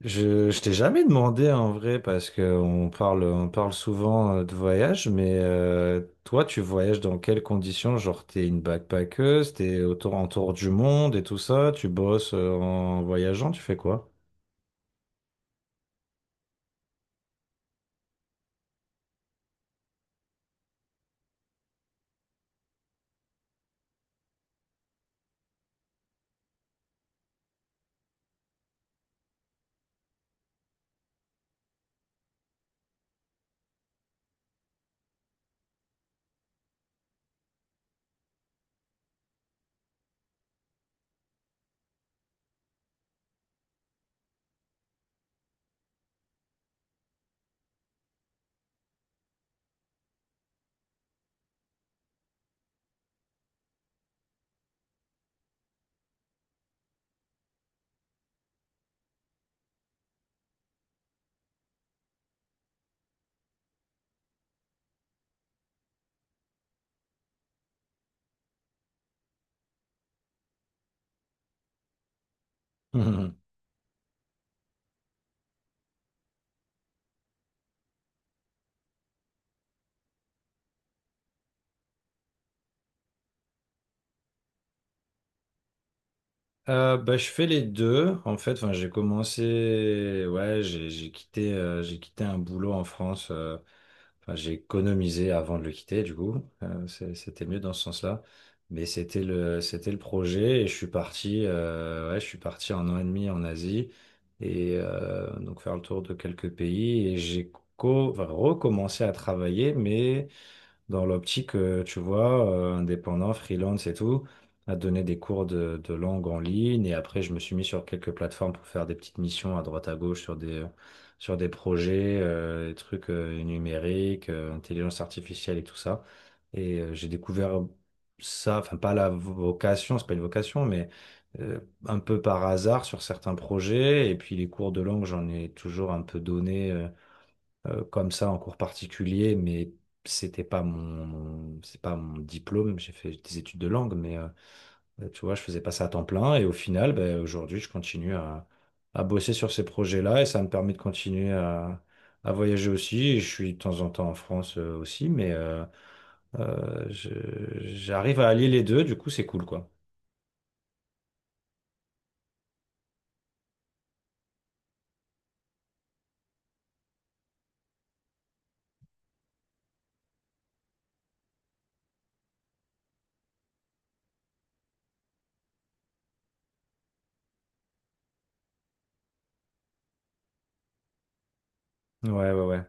Je t'ai jamais demandé en vrai parce que on parle souvent de voyage, mais toi, tu voyages dans quelles conditions? Genre, t'es une backpackeuse, t'es autour en tour du monde et tout ça, tu bosses en voyageant, tu fais quoi? Bah, je fais les deux en fait. Enfin, j'ai commencé, ouais, j'ai quitté un boulot en France. Enfin, j'ai économisé avant de le quitter, du coup. C'était mieux dans ce sens-là. Mais c'était le projet et ouais, je suis parti 1 an et demi en Asie et donc faire le tour de quelques pays et j'ai enfin, recommencé à travailler, mais dans l'optique, tu vois, indépendant, freelance et tout, à donner des cours de langue en ligne. Et après, je me suis mis sur quelques plateformes pour faire des petites missions à droite à gauche sur des projets, des trucs numériques, intelligence artificielle et tout ça. J'ai découvert ça, enfin pas la vocation, c'est pas une vocation, mais euh, un peu par hasard sur certains projets. Et puis les cours de langue, j'en ai toujours un peu donné. Comme ça en cours particulier, mais c'est pas mon diplôme. J'ai fait des études de langue, mais tu vois, je faisais pas ça à temps plein. Et au final, ben, aujourd'hui, je continue à bosser sur ces projets-là et ça me permet de continuer à voyager aussi. Et je suis de temps en temps en France aussi, mais euh, je- j'arrive à allier les deux. Du coup, c'est cool, quoi. Ouais, ouais, ouais.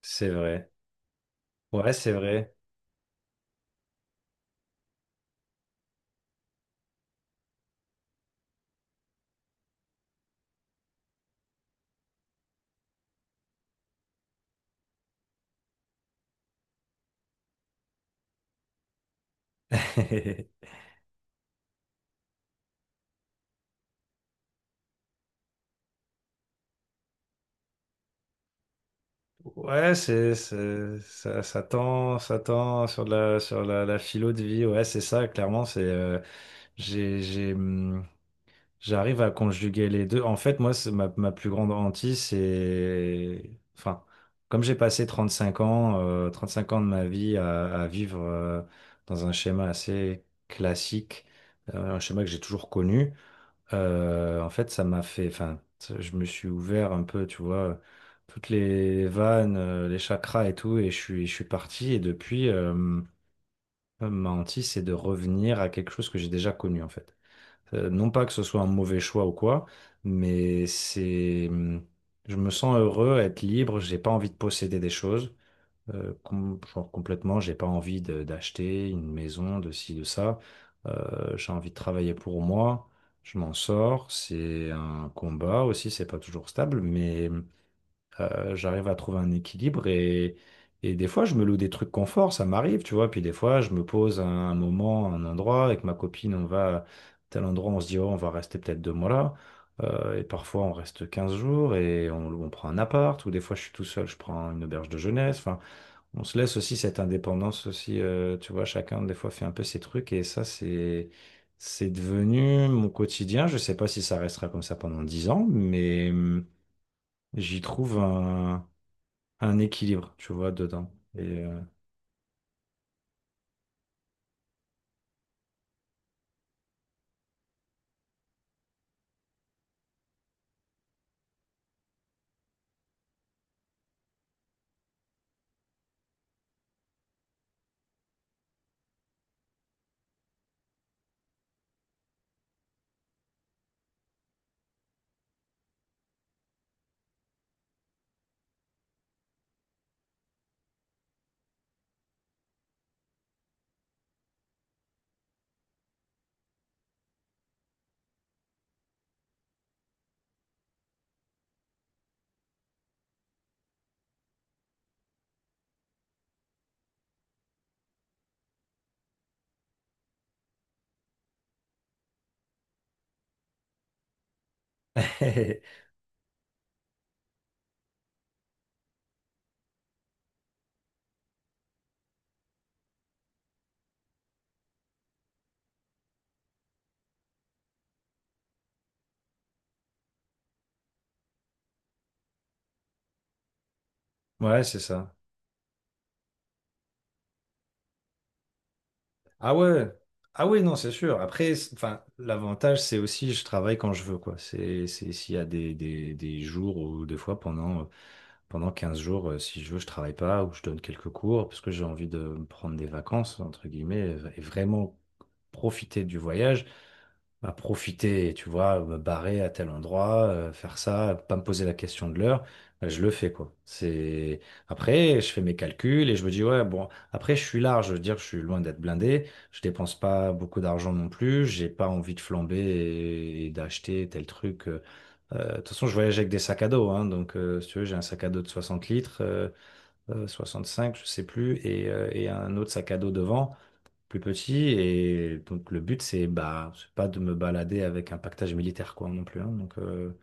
C'est vrai. Ouais, c'est vrai. Ouais, c'est, ça, ça tend sur de la, sur la, la philo de vie. Ouais, c'est ça, clairement. J'ai, j'ai, hum, J'arrive à conjuguer les deux. En fait, moi, c'est ma plus grande hantise, c'est, enfin, comme j'ai passé 5 ans de ma vie à vivre, dans un schéma assez classique, un schéma que j'ai toujours connu. En fait, ça m'a fait, enfin, je me suis ouvert un peu, tu vois, toutes les vannes, les chakras et tout, et je suis parti. Et depuis, ma hantise, c'est de revenir à quelque chose que j'ai déjà connu, en fait. Non pas que ce soit un mauvais choix ou quoi, mais je me sens heureux à être libre. J'ai pas envie de posséder des choses genre complètement, j'ai pas envie de- d'acheter une maison, de ci, de ça. J'ai envie de travailler pour moi. Je m'en sors. C'est un combat aussi, c'est pas toujours stable, mais j'arrive à trouver un équilibre et des fois, je me loue des trucs confort, ça m'arrive, tu vois. Puis des fois, je me pose à un moment, à un endroit, avec ma copine, on va à tel endroit, on se dit, oh, on va rester peut-être 2 mois là. Et parfois, on reste 15 jours et on prend un appart, ou des fois, je suis tout seul, je prends une auberge de jeunesse. Enfin, on se laisse aussi cette indépendance aussi, tu vois, chacun des fois fait un peu ses trucs et ça, c'est devenu mon quotidien. Je sais pas si ça restera comme ça pendant 10 ans, mais j'y trouve un équilibre, tu vois, dedans. Et, euh, ouais, c'est ça. Ah ouais, ah oui, non, c'est sûr. Après, enfin, l'avantage, c'est aussi je travaille quand je veux, quoi. C'est s'il y a des jours ou des fois pendant 15 jours, si je veux, je travaille pas ou je donne quelques cours parce que j'ai envie de me prendre des vacances, entre guillemets, et vraiment profiter du voyage, bah, profiter, tu vois, me barrer à tel endroit, faire ça, pas me poser la question de l'heure, bah, je le fais, quoi. C'est… Après, je fais mes calculs et je me dis, ouais, bon, après, je suis large, je veux dire, je suis loin d'être blindé, je dépense pas beaucoup d'argent non plus, j'ai pas envie de flamber et d'acheter tel truc. De toute façon, je voyage avec des sacs à dos, hein, donc si tu veux, j'ai un sac à dos de 60 litres, 65, je sais plus, et un autre sac à dos devant, plus petit. Et donc le but, c'est bah, c'est pas de me balader avec un pactage militaire, quoi, non plus. Hein.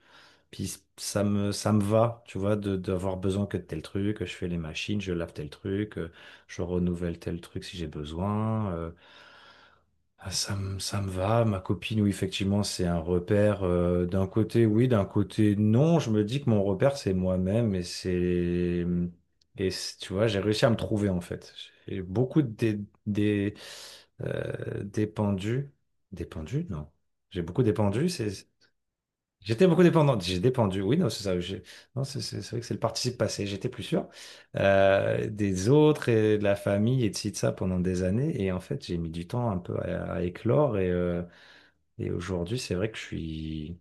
Puis ça me va, tu vois, d'avoir besoin que de tel truc. Je fais les machines, je lave tel truc, je renouvelle tel truc si j'ai besoin. Ça me va, ma copine, oui, effectivement, c'est un repère. D'un côté, oui, d'un côté, non. Je me dis que mon repère, c'est moi-même et c'est. Tu vois, j'ai réussi à me trouver, en fait. J'ai beaucoup dépendu. Dépendu? Non. J'ai beaucoup dépendu, c'est. J'étais beaucoup dépendante. J'ai dépendu, oui, non, c'est ça. Non, c'est vrai que c'est le participe passé. J'étais plus sûr des autres et de la famille et de ci, de ça pendant des années. Et en fait, j'ai mis du temps un peu à éclore. Et aujourd'hui, c'est vrai que je suis,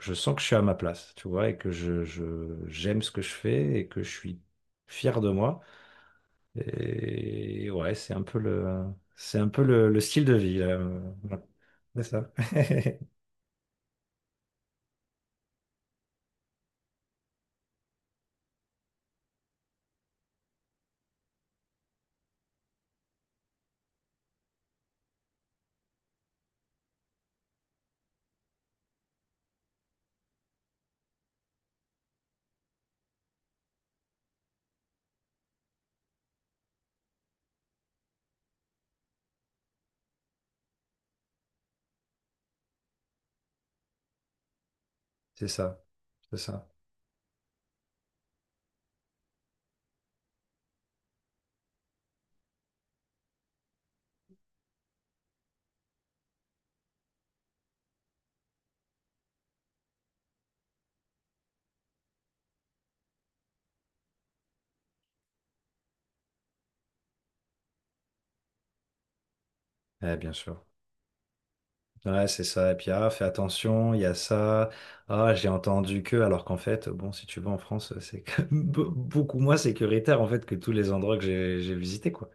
je sens que je suis à ma place, tu vois, et que j'aime ce que je fais et que je suis fier de moi. Et ouais, c'est un peu le, c'est un peu le style de vie, là. Ouais, c'est ça. C'est ça. C'est ça. Eh, bien sûr. Ouais, c'est ça. Et puis, ah, fais attention, il y a ça. Ah, j'ai entendu que, alors qu'en fait, bon, si tu vas en France, c'est quand même beaucoup moins sécuritaire, en fait, que tous les endroits que j'ai visités, quoi.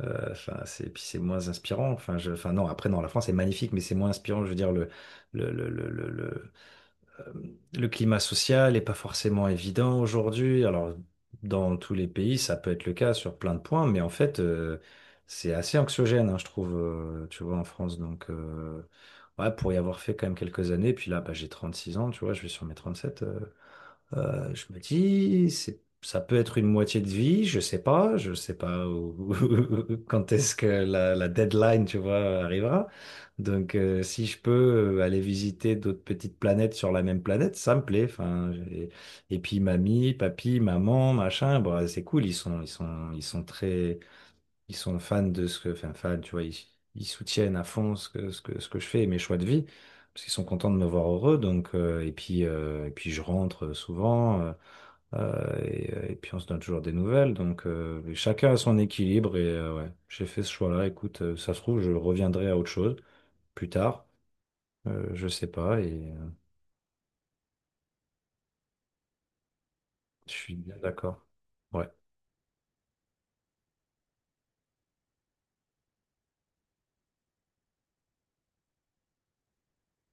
Enfin, puis c'est moins inspirant. Enfin, enfin, non, après, non, la France est magnifique, mais c'est moins inspirant, je veux dire, le, le, le, le, le- le climat social n'est pas forcément évident aujourd'hui. Alors, dans tous les pays, ça peut être le cas sur plein de points, mais en fait, c'est assez anxiogène, hein, je trouve, tu vois, en France. Donc, ouais, pour y avoir fait quand même quelques années, puis là, bah, j'ai 36 ans, tu vois, je vais sur mes 37. Je me dis, ça peut être une moitié de vie, je sais pas quand est-ce que la deadline, tu vois, arrivera. Donc, si je peux aller visiter d'autres petites planètes sur la même planète, ça me plaît. Enfin, et puis mamie, papy, maman, machin, bon, c'est cool. Ils sont fans de ce que, enfin, fans, tu vois, ils soutiennent à fond ce que je fais et mes choix de vie, parce qu'ils sont contents de me voir heureux, donc, et puis je rentre souvent, et puis on se donne toujours des nouvelles, donc chacun a son équilibre, et ouais, j'ai fait ce choix-là, écoute, ça se trouve, je reviendrai à autre chose plus tard, je sais pas. Je suis bien d'accord. Ouais,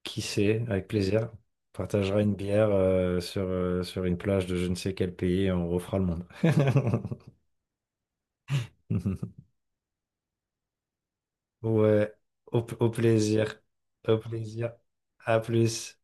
qui sait, avec plaisir. On partagera une bière sur une plage de je ne sais quel pays et on refera le monde. Ouais, au plaisir. Au plaisir. À plus.